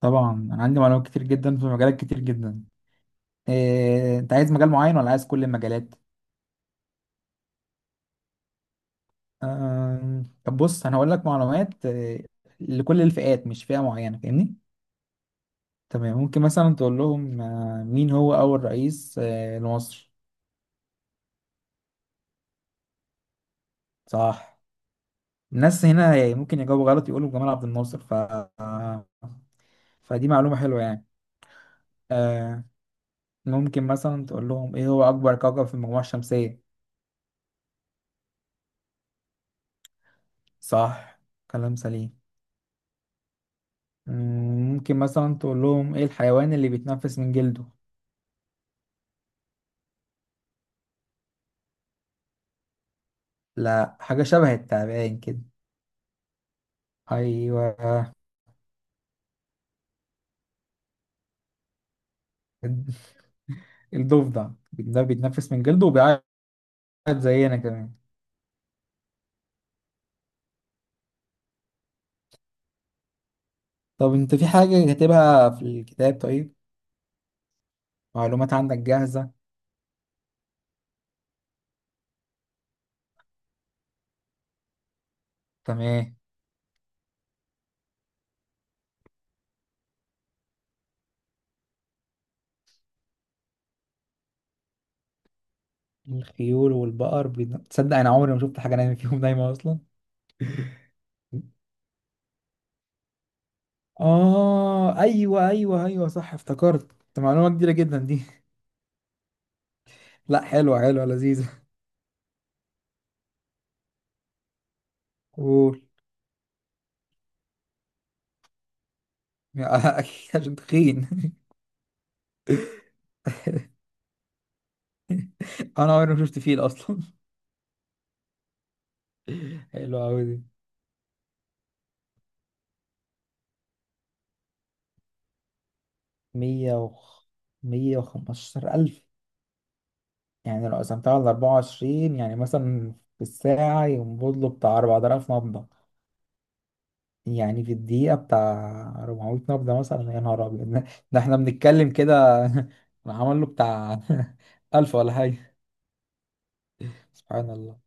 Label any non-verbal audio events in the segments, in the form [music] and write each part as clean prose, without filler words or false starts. طبعا، انا عندي معلومات كتير جدا في مجالات كتير جدا. انت عايز مجال معين ولا عايز كل المجالات؟ طب بص، انا هقول لك معلومات لكل الفئات، مش فئة معينة. فاهمني؟ تمام. ممكن مثلا تقول لهم مين هو اول رئيس لمصر. صح. الناس هنا يعني ممكن يجاوبوا غلط، يقولوا جمال عبد الناصر، فدي معلومة حلوة يعني. آه، ممكن مثلا تقول لهم ايه هو اكبر كوكب في المجموعة الشمسية؟ صح، كلام سليم. ممكن مثلا تقول لهم ايه الحيوان اللي بيتنفس من جلده؟ لا، حاجة شبه التعبان كده. ايوه، الضفدع ده بيتنفس من جلده وبيعيط زينا كمان. طب، انت في حاجة كاتبها في الكتاب؟ طيب، معلومات عندك جاهزة. تمام. الخيول والبقر تصدق انا عمري ما شفت حاجة نايمة فيهم، نايمة اصلا. اه، ايوه، ايوه، ايوه، صح، افتكرت. ده معلومة كبيرة جدا دي. [laughs] لا، حلوة حلوة، لذيذة. قول. [laughs] اكيد، عشان تخين. [laughs] انا عمري ما شفت فيل اصلا. [laughs] حلو قوي دي. مية وخ... 115,000؟ يعني لو قسمتها على 24، يعني مثلا في الساعة ينبض له بتاع 4000 نبضة. يعني في الدقيقة بتاع 400 نبضة مثلا. يا نهار أبيض ده! ده احنا بنتكلم كده، [laughs] أنا عمل له بتاع [laughs] 1000 ولا حاجة. سبحان الله.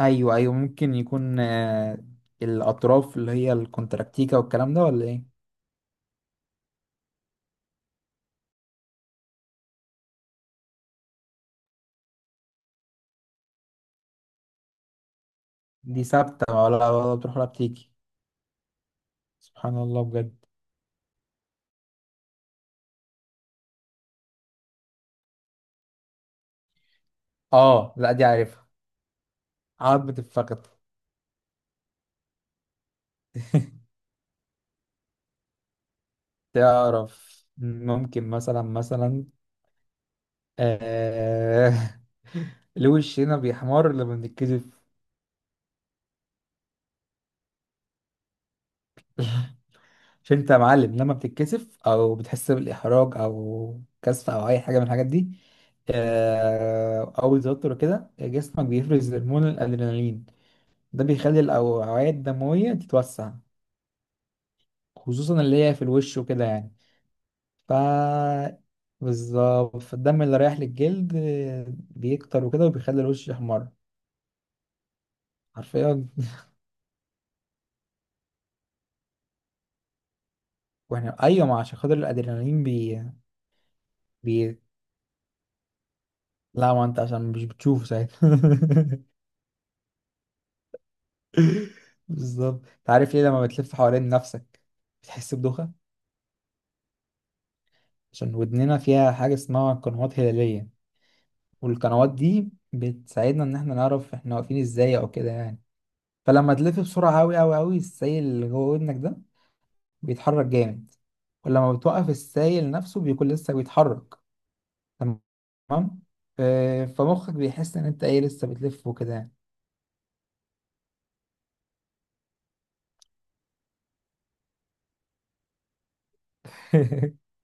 أيوه، أيوه، ممكن يكون الأطراف اللي هي الكونتراكتيكا والكلام ده، ولا إيه؟ دي ثابتة ولا بتروح ولا بتيجي؟ سبحان الله بجد. اه، لا، دي عارفها. عظمة الفخذ. تعرف، ممكن مثلا آه... [laughs] ليه وشنا بيحمر لما بنتكسف؟ مش انت يا معلم لما بتتكسف او بتحس بالاحراج او كسف او اي حاجه من الحاجات دي، او توتر كده، جسمك بيفرز هرمون الادرينالين. ده بيخلي الاوعيه الدمويه تتوسع، خصوصا اللي هي في الوش وكده يعني. ف بالظبط. فالدم اللي رايح للجلد بيكتر وكده، وبيخلي الوش يحمر. حرفيا. واحنا، ايوه، ما عشان خاطر الادرينالين بي لا، ما انت عشان مش بتشوفه ساعتها. [laughs] بالظبط. انت عارف ليه لما بتلف حوالين نفسك بتحس بدوخة؟ عشان ودننا فيها حاجة اسمها قنوات هلالية، والقنوات دي بتساعدنا ان احنا نعرف احنا واقفين ازاي او كده يعني. فلما تلف بسرعة اوي اوي اوي، السيل اللي جوه ودنك ده بيتحرك جامد. ولما بتوقف، السائل نفسه بيكون لسه بيتحرك. تمام. فمخك بيحس ان انت ايه، لسه بتلف وكده يعني. [laughs]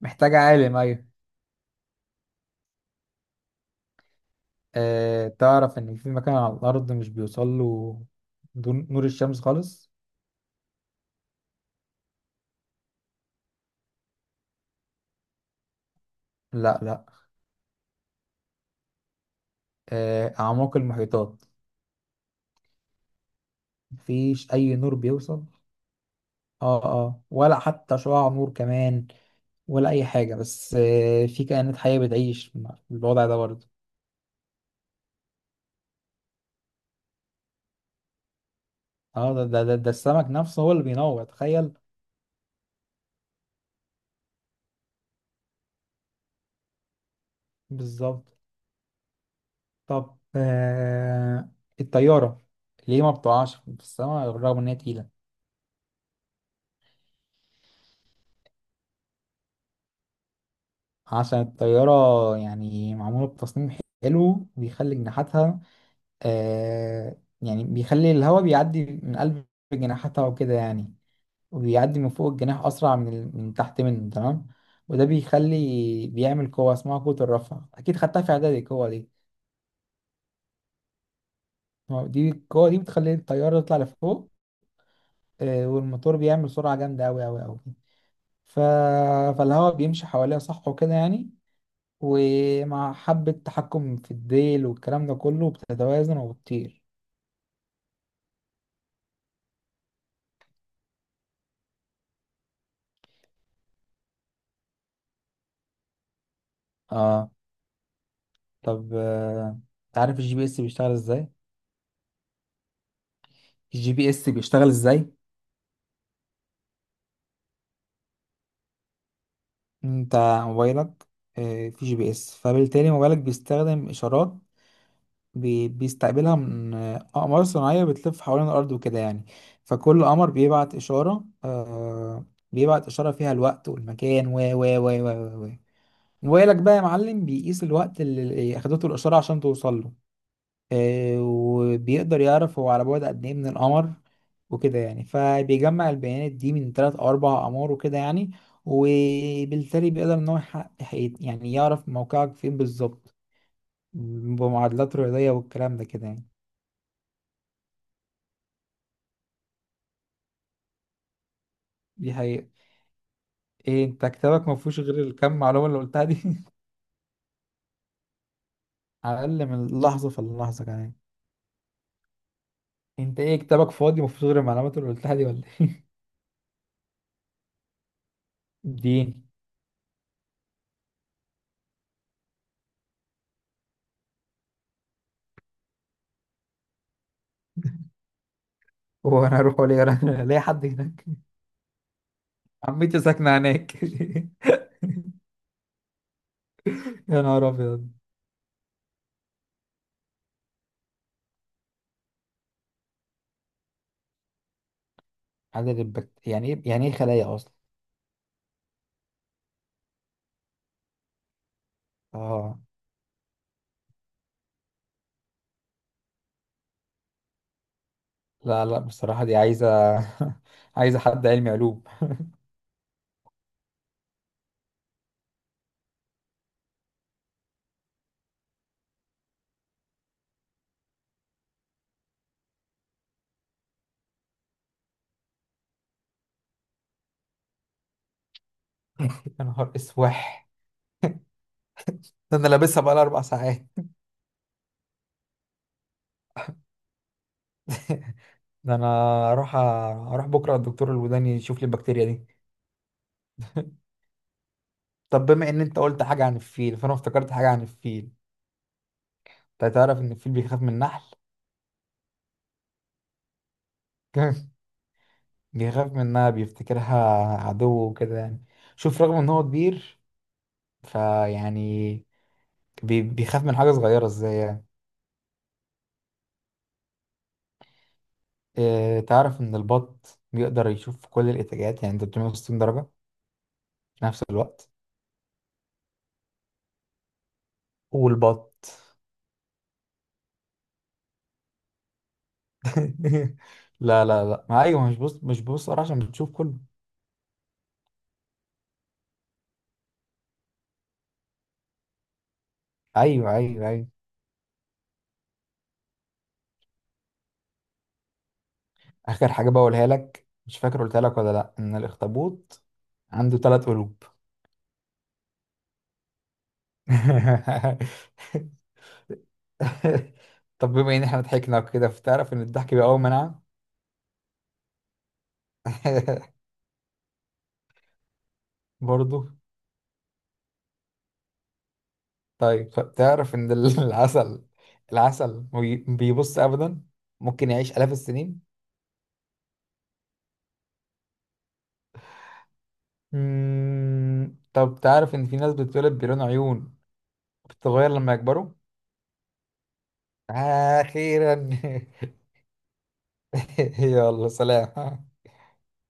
محتاج عالم، ايوه. تعرف ان في مكان على الارض مش بيوصل له نور الشمس خالص؟ لا، لا. اعماق المحيطات. مفيش اي نور بيوصل. اه، اه، ولا حتى شعاع نور كمان، ولا اي حاجه. بس في كائنات حيه بتعيش في الوضع ده برضه. اه، ده السمك نفسه هو اللي بينور. تخيل. بالظبط. طب الطيارة، ليه ما بتقعش في السماء بالرغم ان هي تقيلة؟ عشان الطيارة يعني معمولة بتصميم حلو، بيخلي جناحاتها آه يعني بيخلي الهواء بيعدي من قلب جناحاتها وكده يعني. وبيعدي من فوق الجناح أسرع من من تحت منه. تمام. وده بيخلي، بيعمل قوة اسمها قوة الرفع. أكيد خدتها في إعدادي، القوة دي. ما هو دي، القوة دي بتخلي الطيارة تطلع لفوق. والموتور بيعمل سرعة جامدة أوي أوي أوي. ف... فالهواء بيمشي حواليها، صح وكده يعني. ومع حبة تحكم في الديل والكلام ده كله، بتتوازن وبتطير. اه. طب انت عارف الجي بي اس بيشتغل ازاي؟ الجي بي اس بيشتغل ازاي؟ انت، موبايلك فيه جي بي اس، فبالتالي موبايلك بيستخدم إشارات، بيستقبلها من أقمار صناعية بتلف حوالين الأرض وكده يعني. فكل قمر بيبعت إشارة فيها الوقت والمكان و موبايلك بقى يا معلم بيقيس الوقت اللي أخدته الإشارة عشان توصل له. وبيقدر يعرف هو على بعد قد إيه من القمر وكده يعني. فبيجمع البيانات دي من تلات أو أربع أقمار وكده يعني، وبالتالي بيقدر إن هو يحقق، يعني يعرف موقعك فين بالظبط، بمعادلات رياضية والكلام ده كده يعني. دي حقيقة. ايه، انت كتابك ما فيهوش غير الكم معلومة اللي قلتها دي؟ [laughs] على الأقل من اللحظة فاللحظة كمان. انت ايه، كتابك فاضي ما فيهوش غير المعلومات اللي قلتها دي ولا ايه؟ [laughs] اديني. هو انا اروح، ولا [laughs] انا ليا حد هناك؟ [laughs] عمتي ساكنة هناك. [laughs] يا نهار ابيض. عدد يعني ايه، خلايا اصلا؟ اه، لا، لا، بصراحة دي عايزة [laughs] عايزة حد علمي علوم. يا نهار اسوح. ده انا لابسها بقى 4 ساعات. [laughs] ده انا اروح أ- اروح بكرة الدكتور الوداني يشوف لي البكتيريا دي. طب بما ان انت قلت حاجة عن الفيل، فانا افتكرت حاجة عن الفيل. انت تعرف ان الفيل بيخاف من النحل؟ [laughs] بيخاف منها، بيفتكرها عدو وكده يعني. شوف، رغم ان هو كبير، فيعني بيخاف من حاجة صغيرة ازاي يعني. اه، تعرف ان البط بيقدر يشوف كل الاتجاهات، يعني 360 درجة في نفس الوقت؟ والبط [laughs] لا، لا، لا، ما ايوه، مش بص، مش بص، عشان بتشوف كله. ايوه، ايوه، ايوه. اخر حاجه بقولها لك، مش فاكر قلتها لك ولا لا، ان الاخطبوط عنده ثلاث قلوب. [laughs] طب بما ان احنا ضحكنا كده، فتعرف ان الضحك بيقوي مناعه. [laughs] برضو. طيب تعرف ان [laughs] العسل، العسل ما بيبص ابدا، ممكن يعيش الاف السنين. طب تعرف ان في ناس بتتولد بلون عيون بتتغير لما يكبروا؟ اخيرا. [laughs] يلا سلام.